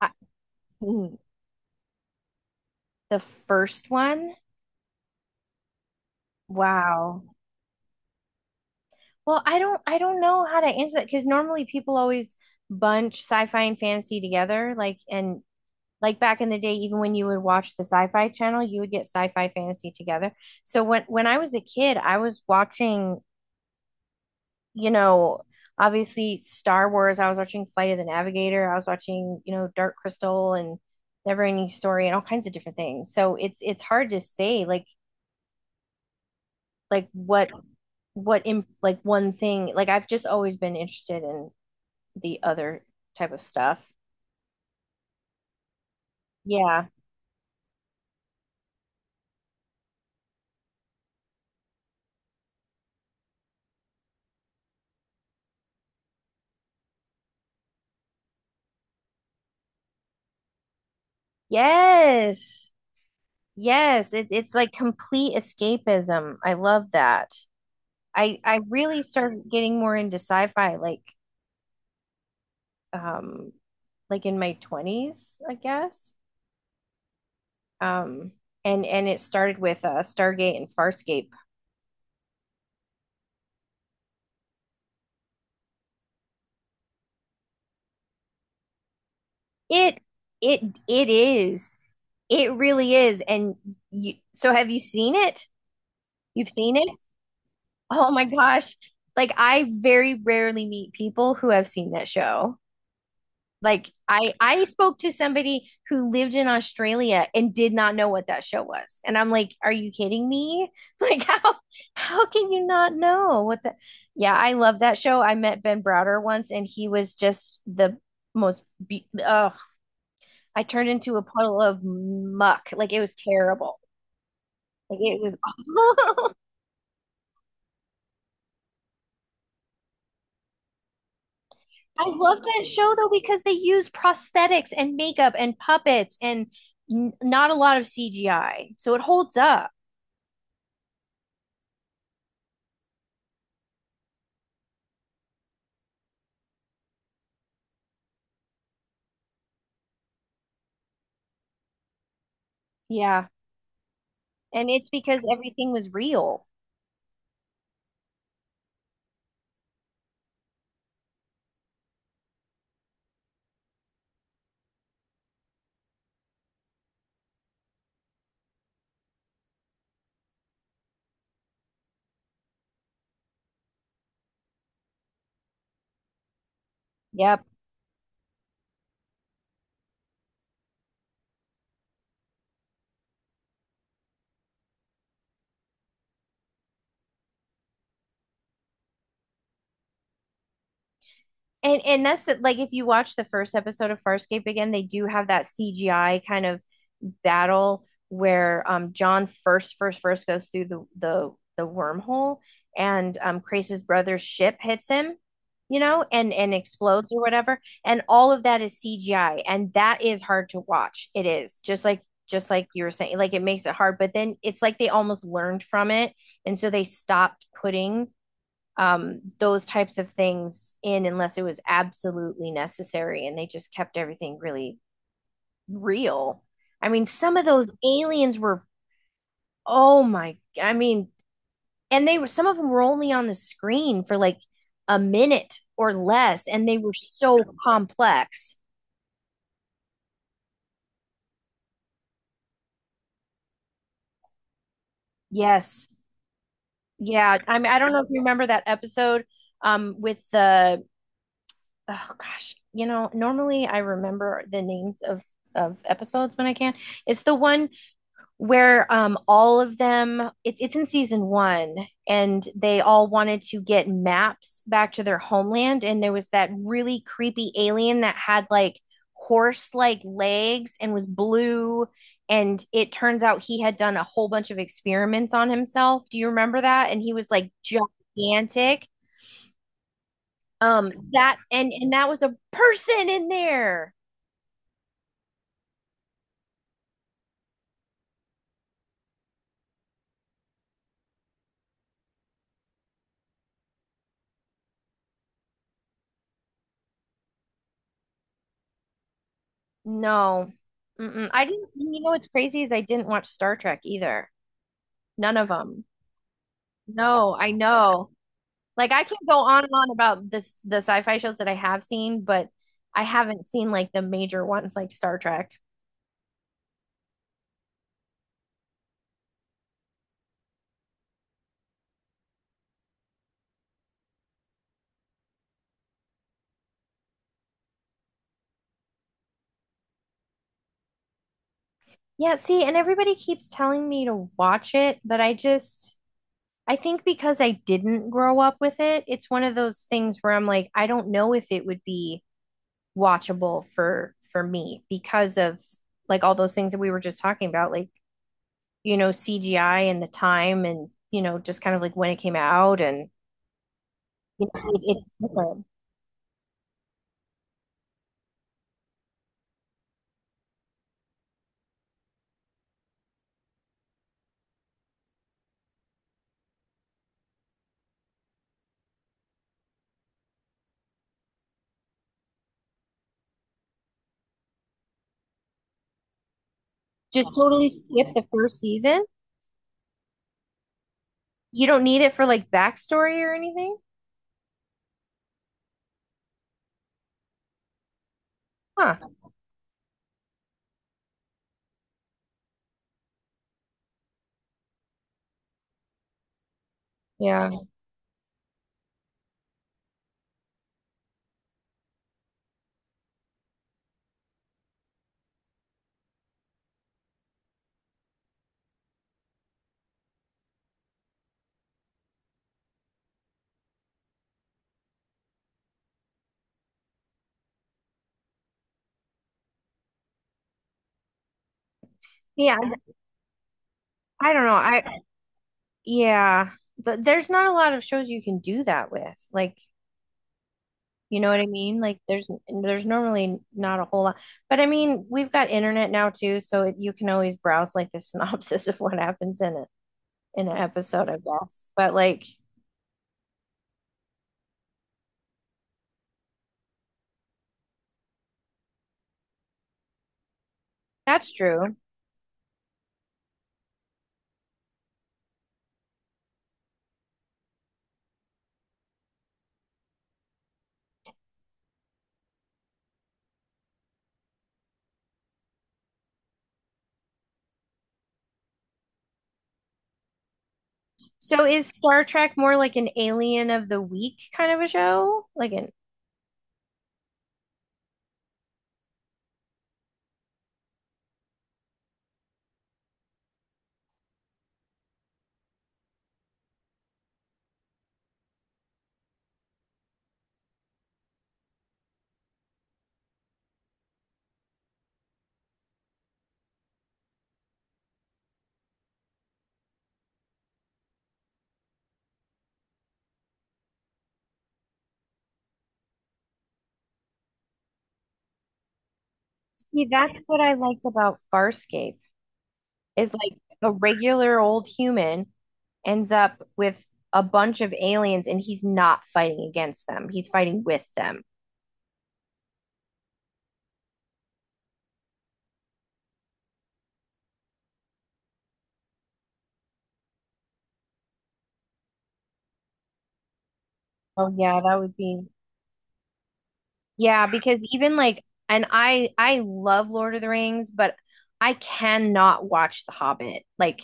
I- mm, the first one? Wow. Well, I don't know how to answer that because normally people always bunch sci-fi and fantasy together. Like back in the day, even when you would watch the sci-fi channel, you would get sci-fi fantasy together. So when I was a kid, I was watching, you know, obviously Star Wars. I was watching Flight of the Navigator. I was watching, Dark Crystal and Never Ending Story and all kinds of different things. So it's hard to say like what in like one thing like I've just always been interested in the other type of stuff. Yeah. Yes. Yes, it's like complete escapism. I love that. I really started getting more into sci-fi um like in my 20s, I guess. Um and it started with Stargate and Farscape. It it it is. It really is. And so have you seen it? You've seen it? Oh my gosh. Like I very rarely meet people who have seen that show. Like I spoke to somebody who lived in Australia and did not know what that show was. And I'm like, are you kidding me? Like how can you not know what the— yeah, I love that show. I met Ben Browder once and he was just the most I turned into a puddle of muck. Like it was terrible. Like it was I love that show though because they use prosthetics and makeup and puppets and n not a lot of CGI. So it holds up. Yeah. And it's because everything was real. Yeah. And like if you watch the first episode of Farscape again, they do have that CGI kind of battle where John first goes through the wormhole and Crace's brother's ship hits him, you know, and explodes or whatever. And all of that is CGI and that is hard to watch. It is. Just like you were saying, like it makes it hard, but then it's like they almost learned from it and so they stopped putting those types of things in unless it was absolutely necessary. And they just kept everything really real. I mean, some of those aliens were, oh my, I mean, and they were, some of them were only on the screen for like a minute or less, and they were so complex. Yes. Yeah. I mean, I don't know if you remember that episode um, with the, oh gosh, you know, normally I remember the names of episodes when I can. It's the one where all of them— it's in season 1 and they all wanted to get maps back to their homeland and there was that really creepy alien that had like horse like legs and was blue and it turns out he had done a whole bunch of experiments on himself. Do you remember that? And he was like gigantic. That and that was a person in there. No. Mm-mm. I didn't— you know what's crazy is I didn't watch Star Trek either. None of them. No, I know. Like I can go on and on about this the sci-fi shows that I have seen, but I haven't seen like the major ones like Star Trek. Yeah, see, and everybody keeps telling me to watch it, but I think because I didn't grow up with it, it's one of those things where I'm like, I don't know if it would be watchable for me because of like all those things that we were just talking about, like, you know, CGI and the time and, you know, just kind of like when it came out and you know, it's different. Just totally skip the first season? You don't need it for like backstory or anything? Huh. Yeah. Yeah. I don't know. I, yeah. There's not a lot of shows you can do that with. Like, you know what I mean? Like there's normally not a whole lot. But I mean, we've got internet now too, so you can always browse like the synopsis of what happens in it in an episode, I guess. But like That's true. So is Star Trek more like an alien of the week kind of a show? Like an— see, that's what I liked about Farscape is like a regular old human ends up with a bunch of aliens and he's not fighting against them. He's fighting with them. Oh yeah, that would be Yeah, because even like and I love Lord of the Rings, but I cannot watch The Hobbit. Like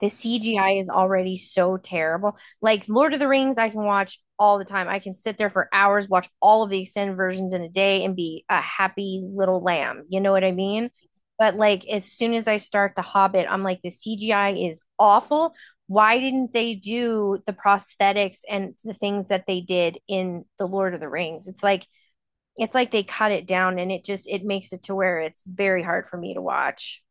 the CGI is already so terrible. Like Lord of the Rings I can watch all the time. I can sit there for hours, watch all of the extended versions in a day and be a happy little lamb. You know what I mean? But like as soon as I start The Hobbit, I'm like the CGI is awful. Why didn't they do the prosthetics and the things that they did in The Lord of the Rings? It's like they cut it down and it makes it to where it's very hard for me to watch.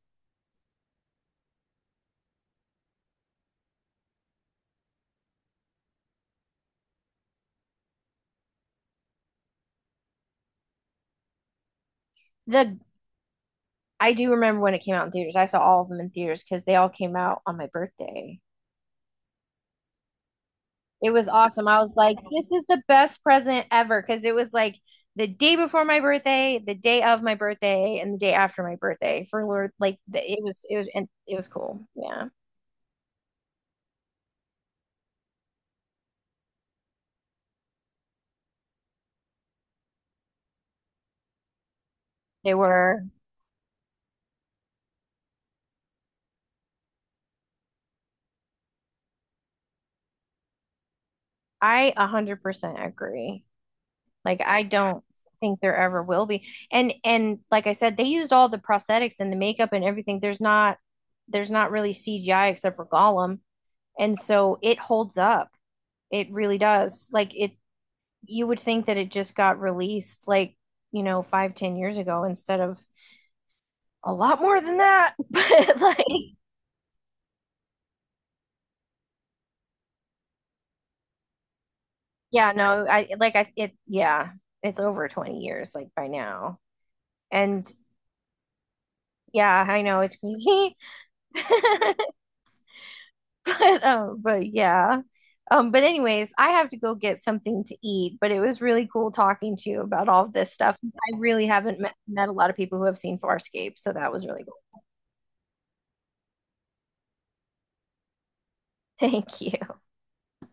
The I do remember when it came out in theaters. I saw all of them in theaters because they all came out on my birthday. It was awesome. I was like, this is the best present ever because it was like the day before my birthday, the day of my birthday, and the day after my birthday for Lord. Like the, it was, and it was cool. Yeah, they were. I 100% agree. Like I don't think there ever will be. And like I said, they used all the prosthetics and the makeup and everything. There's not really CGI except for Gollum. And so it holds up. It really does. Like it you would think that it just got released like, you know, five, 10 years ago instead of a lot more than that. But like Yeah, no, I like I it yeah, it's over 20 years like by now. And yeah, I know it's crazy. But Yeah. But Anyways, I have to go get something to eat, but it was really cool talking to you about all of this stuff. I really haven't met a lot of people who have seen Farscape, so that was really cool. Thank you.